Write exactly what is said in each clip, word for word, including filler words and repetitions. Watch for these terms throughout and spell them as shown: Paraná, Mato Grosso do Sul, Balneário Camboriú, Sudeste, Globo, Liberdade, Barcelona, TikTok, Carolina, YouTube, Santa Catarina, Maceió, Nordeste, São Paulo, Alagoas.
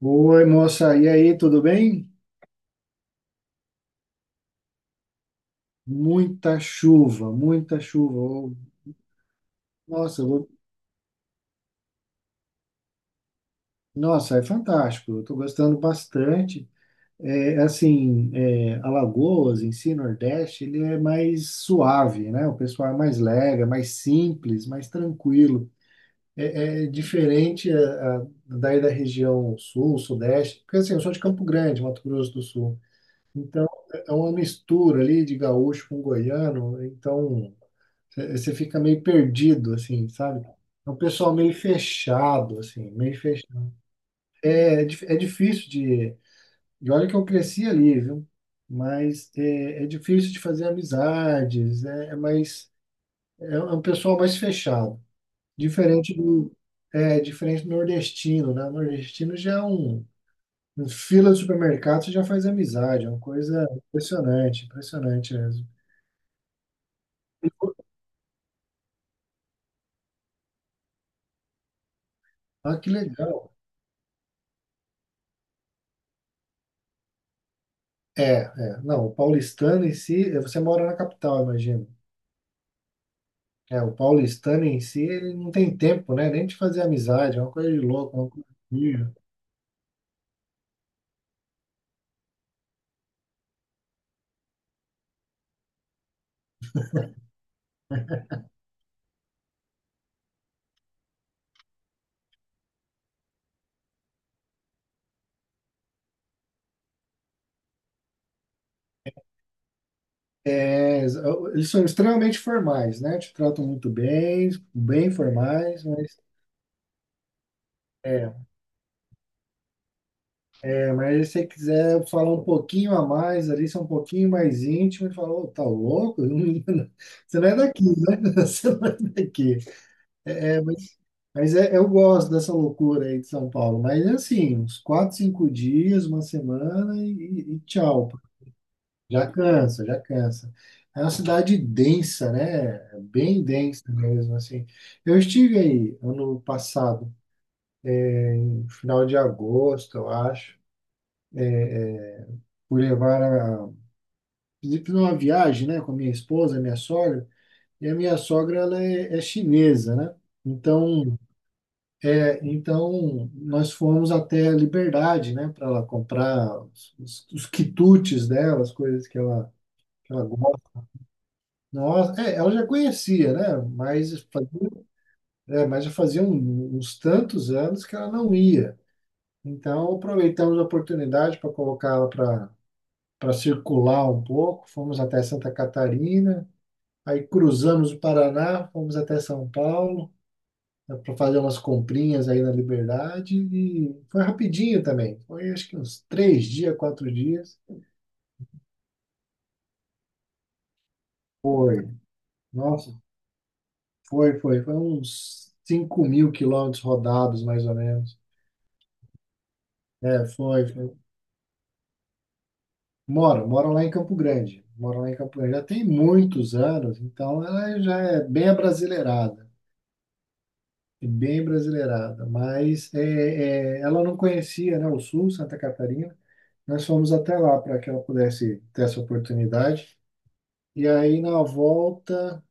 Oi, moça, e aí, tudo bem? Muita chuva, muita chuva. Oh, Nossa, eu vou- nossa, é fantástico. Eu estou gostando bastante. É, assim, é, Alagoas em si, Nordeste, ele é mais suave, né? O pessoal é mais lega, mais simples, mais tranquilo. É, é diferente a, a, daí da região Sul, Sudeste, porque assim, eu sou de Campo Grande, Mato Grosso do Sul. Então, é uma mistura ali de gaúcho com goiano. Então você fica meio perdido, assim, sabe? É um pessoal meio fechado, assim, meio fechado. É, é dif- é difícil de. E olha que eu cresci ali, viu? Mas é, é difícil de fazer amizades, é, é mais. É é um pessoal mais fechado. Diferente do. É diferente do nordestino, né? O nordestino já é um. um fila de supermercado, você já faz amizade, é uma coisa impressionante, impressionante mesmo. Ah, que legal. É, é. Não, o paulistano em si, eh, você mora na capital, imagino. É, o paulistano em si, ele não tem tempo, né? Nem de fazer amizade, é uma coisa de louco, é uma coisa horrível. É, eles é, eles são extremamente formais, né? Te tratam muito bem, bem formais, mas, é, é, mas se você quiser falar um pouquinho a mais ali, ser um pouquinho mais íntimo, ele fala, ô, tá louco? Você não é daqui, né? Você não é daqui. É, mas é, eu gosto dessa loucura aí de São Paulo. Mas é assim, uns quatro, cinco dias, uma semana e, e tchau. Já cansa, já cansa. É uma cidade densa, né? Bem densa mesmo, assim. Eu estive aí ano passado, no final de agosto, eu acho. Fui levar a... Fiz uma viagem, né? Com a minha esposa, minha sogra. E a minha sogra, ela é, é chinesa, né? Então, É, então, nós fomos até a Liberdade, né, para ela comprar os, os- os quitutes dela, as coisas que ela, que ela gosta. Nossa, é, ela já conhecia, né, mas fazia, é, mas já fazia um- uns tantos anos que ela não ia. Então, aproveitamos a oportunidade para colocá-la para para circular um pouco. Fomos até Santa Catarina, aí cruzamos o Paraná, fomos até São Paulo, para fazer umas comprinhas aí na Liberdade e foi rapidinho também. Foi acho que uns três dias, quatro dias. Nossa, foi, foi. Foi uns cinco mil quilômetros rodados, mais ou menos. É, foi, foi. Moro, moro lá em Campo Grande. Moro lá em Campo Grande. Já tem muitos anos, então ela já é bem abrasileirada. É, bem brasileirada. Mas é, é, ela não conhecia, né, o Sul, Santa Catarina. Nós fomos até lá para que ela pudesse ter essa oportunidade. E aí na volta,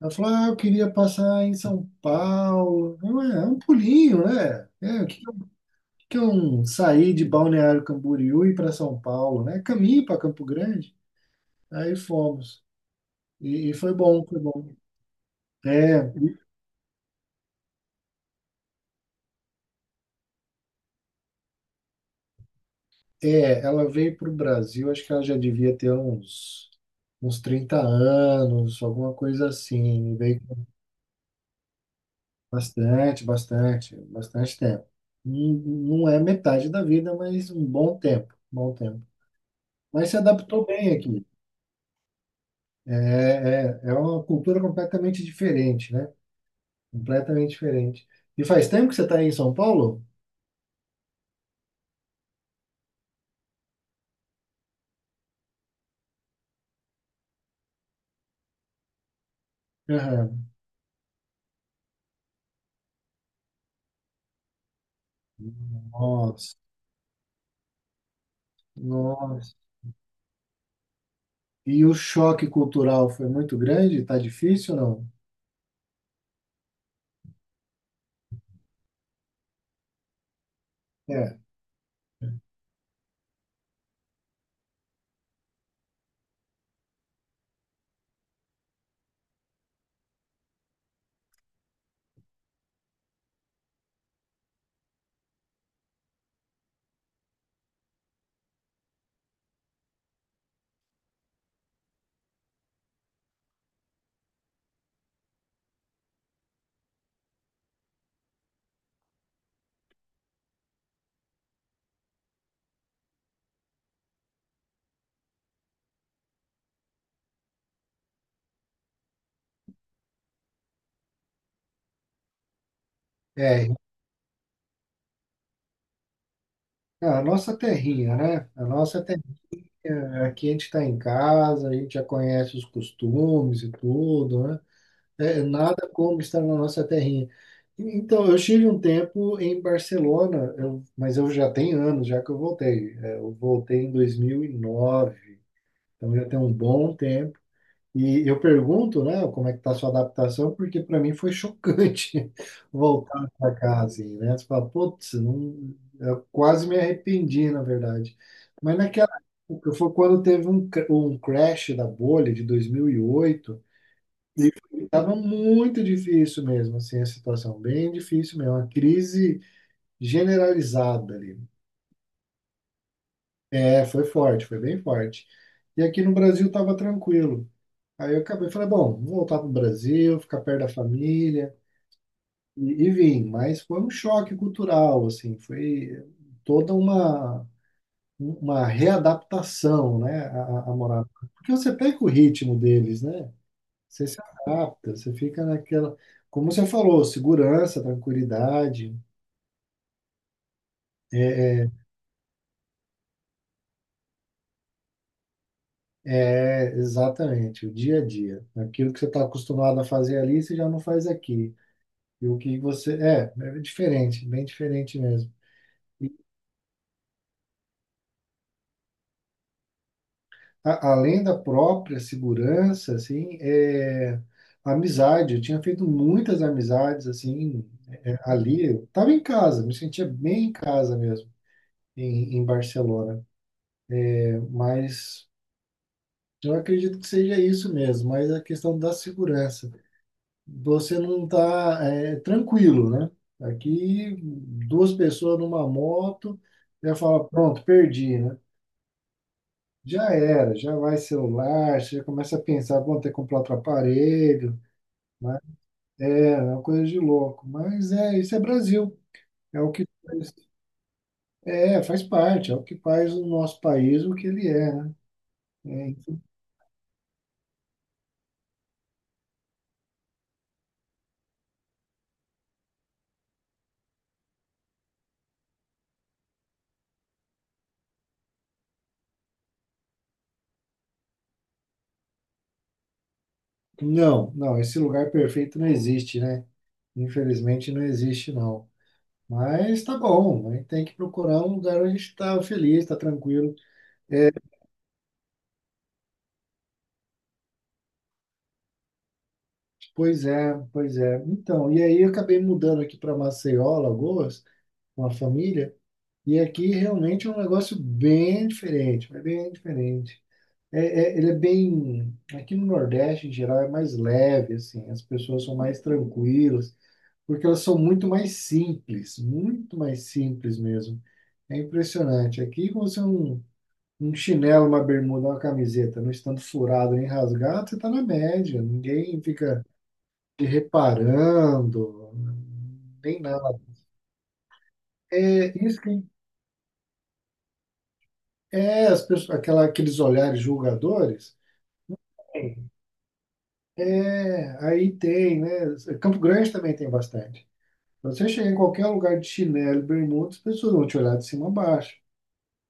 ela falou: Ah, eu queria passar em São Paulo. Eu, "É, é um pulinho, né? É, o que, que eu o que que eu saí de Balneário Camboriú e ir para São Paulo, né? Caminho para Campo Grande. Aí fomos. E, e foi bom, foi bom. É, é, ela veio para o Brasil, acho que ela já devia ter uns, uns trinta anos, alguma coisa assim. Veio. Bastante, bastante, bastante tempo. Não, não é metade da vida, mas um bom tempo, um bom tempo. Mas se adaptou bem aqui. É, é, é uma cultura completamente diferente, né? Completamente diferente. E faz tempo que você está aí em São Paulo? Aham. Nossa, nossa. E o choque cultural foi muito grande? Tá difícil ou não? É, é. A nossa terrinha, né? A nossa É, Aqui a gente está em casa, a gente já conhece os costumes e tudo, né? É, nada como estar na nossa terrinha. E- Então, eu estive um tempo em Barcelona, eu- mas eu já tenho anos já que eu voltei. É, eu voltei em dois mil e nove, então já tem um bom tempo. E eu pergunto, né, como é que tá a sua adaptação, porque para mim foi chocante voltar para cá, assim, né? Você fala, putz, não. Eu quase me arrependi, na verdade. Mas naquela época, foi quando teve um, cr- um crash da bolha de dois mil e oito, estava muito difícil mesmo, assim, a situação, bem difícil mesmo, uma crise generalizada ali. É, foi forte, foi bem forte. E aqui no Brasil estava tranquilo. Aí eu acabei, falei, bom, vou voltar para o Brasil, ficar perto da família, e, e vim. Mas foi um choque cultural, assim, foi toda uma, uma readaptação, né, a, a morar. Porque você pega o ritmo deles, né? Você se adapta, você fica naquela, como você falou, segurança, tranquilidade. É, é, é, exatamente, o dia a dia. Aquilo que você está acostumado a fazer ali, você já não faz aqui. E o que você. É, é diferente, bem diferente mesmo. A- além da própria segurança, assim, é, amizade. Eu tinha feito muitas amizades, assim, é, ali. Eu estava em casa, me sentia bem em casa mesmo, em, em Barcelona. É. Mas eu acredito que seja isso mesmo, mas a questão da segurança. Você não está tranquilo, né? Aqui, duas pessoas numa moto, já fala, pronto, perdi, né? Já era, já vai celular, você já começa a pensar, bom, ter que comprar outro aparelho, né? É, é uma coisa de louco. Mas é, isso é Brasil. É o que faz- é, faz parte, é o que faz o nosso país o que ele é, né? É, não, não, esse lugar perfeito não existe, né? Infelizmente não existe, não. Mas tá bom, a gente tem que procurar um lugar onde a gente está feliz, está tranquilo. Pois é, pois é. Então, e aí eu acabei mudando aqui para Maceió, Alagoas, com a família, e aqui realmente é um negócio bem diferente, mas bem diferente. É, é- Ele é bem. Aqui no Nordeste, em geral, é mais leve, assim. As pessoas são mais tranquilas, porque elas são muito mais simples, muito mais simples mesmo. É impressionante. Aqui, com você um, um chinelo, uma bermuda, uma camiseta, não estando furado nem rasgado, você está na média. Ninguém fica te reparando, nem nada. É isso que. É, as pessoas, aquela, aqueles olhares julgadores. É, aí tem, né? Campo Grande também tem bastante. Você chega em qualquer lugar de chinelo, e bermuda, as pessoas vão te olhar de cima a baixo,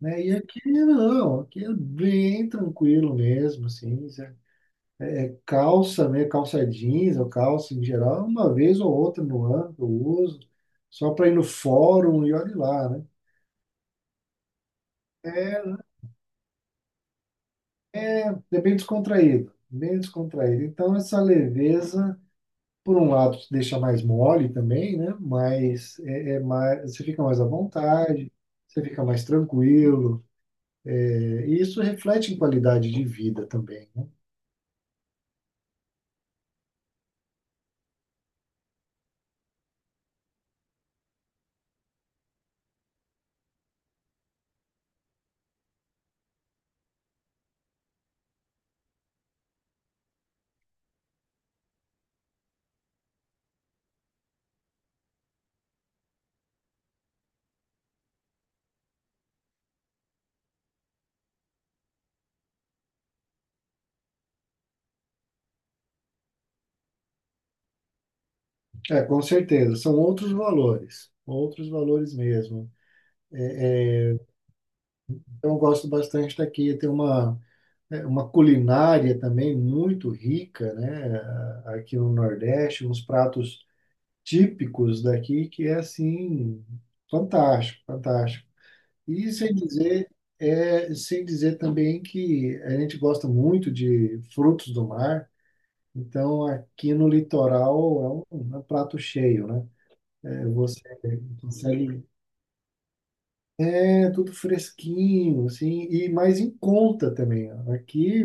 né? E aqui não, aqui é bem tranquilo mesmo, assim, sabe? Calça, né? Calça jeans ou calça em geral, uma vez ou outra no ano que eu uso, só para ir no fórum e olhe lá, né? É bem descontraído, bem descontraído. Então, essa leveza por um lado, te deixa mais mole também, né? Mas é, é mais, você fica mais à vontade, você fica mais tranquilo. É, e isso reflete em qualidade de vida também, né? É, com certeza. São outros valores, outros valores mesmo. Então, eu gosto bastante daqui. Tem uma, é, uma culinária também muito rica, né? a- Aqui no Nordeste, uns pratos típicos daqui que é assim. Fantástico, fantástico. E sem dizer, é, sem dizer também que a gente gosta muito de frutos do mar, então aqui no litoral é um, é um prato cheio, né? É, você consegue, é tudo fresquinho, assim, e mais em conta também. Aqui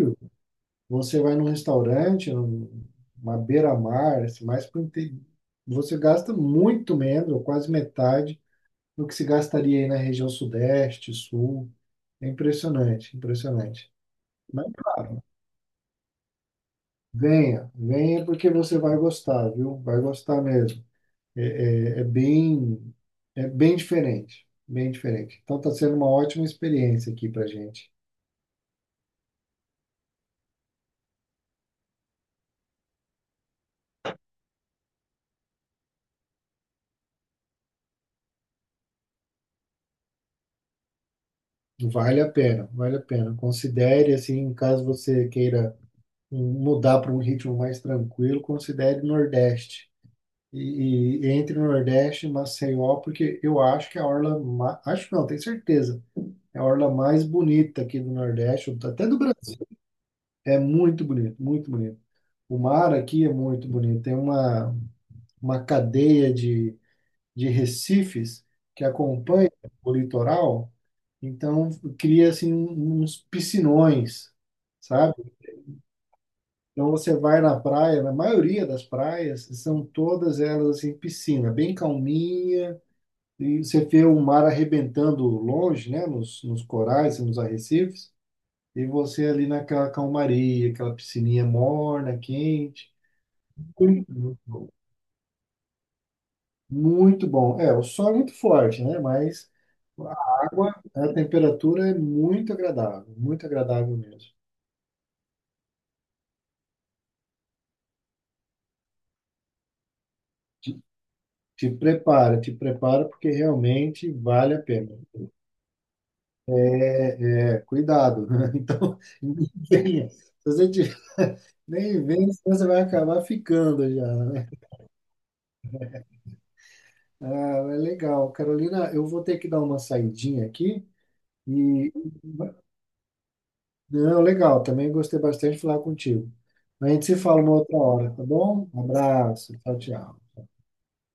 você vai num restaurante, numa beira-mar, assim, mais pro inte- você gasta muito menos, ou quase metade, do que se gastaria aí na região sudeste, sul. É impressionante, impressionante. Mas, claro, venha, venha porque você vai gostar, viu? Vai gostar mesmo. É, é, é bem, É bem diferente, bem diferente. Então está sendo uma ótima experiência aqui para gente. Vale a pena, vale a pena. Considere assim, caso você queira um- mudar para um ritmo mais tranquilo, considere Nordeste. E, e entre Nordeste e Maceió, porque eu acho que é a orla, ma- acho não, tenho certeza, é a orla mais bonita aqui do Nordeste, até do Brasil. É muito bonito, muito bonito. O mar aqui é muito bonito. Tem uma, uma cadeia de, de recifes que acompanha o litoral, então cria assim um- uns piscinões, sabe? Então você vai na praia, na maioria das praias, são todas elas assim piscina, bem calminha, e você vê o mar arrebentando longe, né, nos, nos corais, nos arrecifes, e você ali naquela calmaria, aquela piscininha morna, quente. Muito bom. É, o sol é muito forte, né? Mas a água, a temperatura é muito agradável, muito agradável mesmo. Te prepara, te prepara, porque realmente vale a pena. É, é, cuidado, né? Então, nem venha. Se você tiver- nem vem, senão você vai acabar ficando já, né? Ah, é legal. Carolina, eu vou ter que dar uma saidinha aqui. E, não, legal, também gostei bastante de falar contigo. A gente se fala uma outra hora, tá bom? Um abraço, tchau, tchau.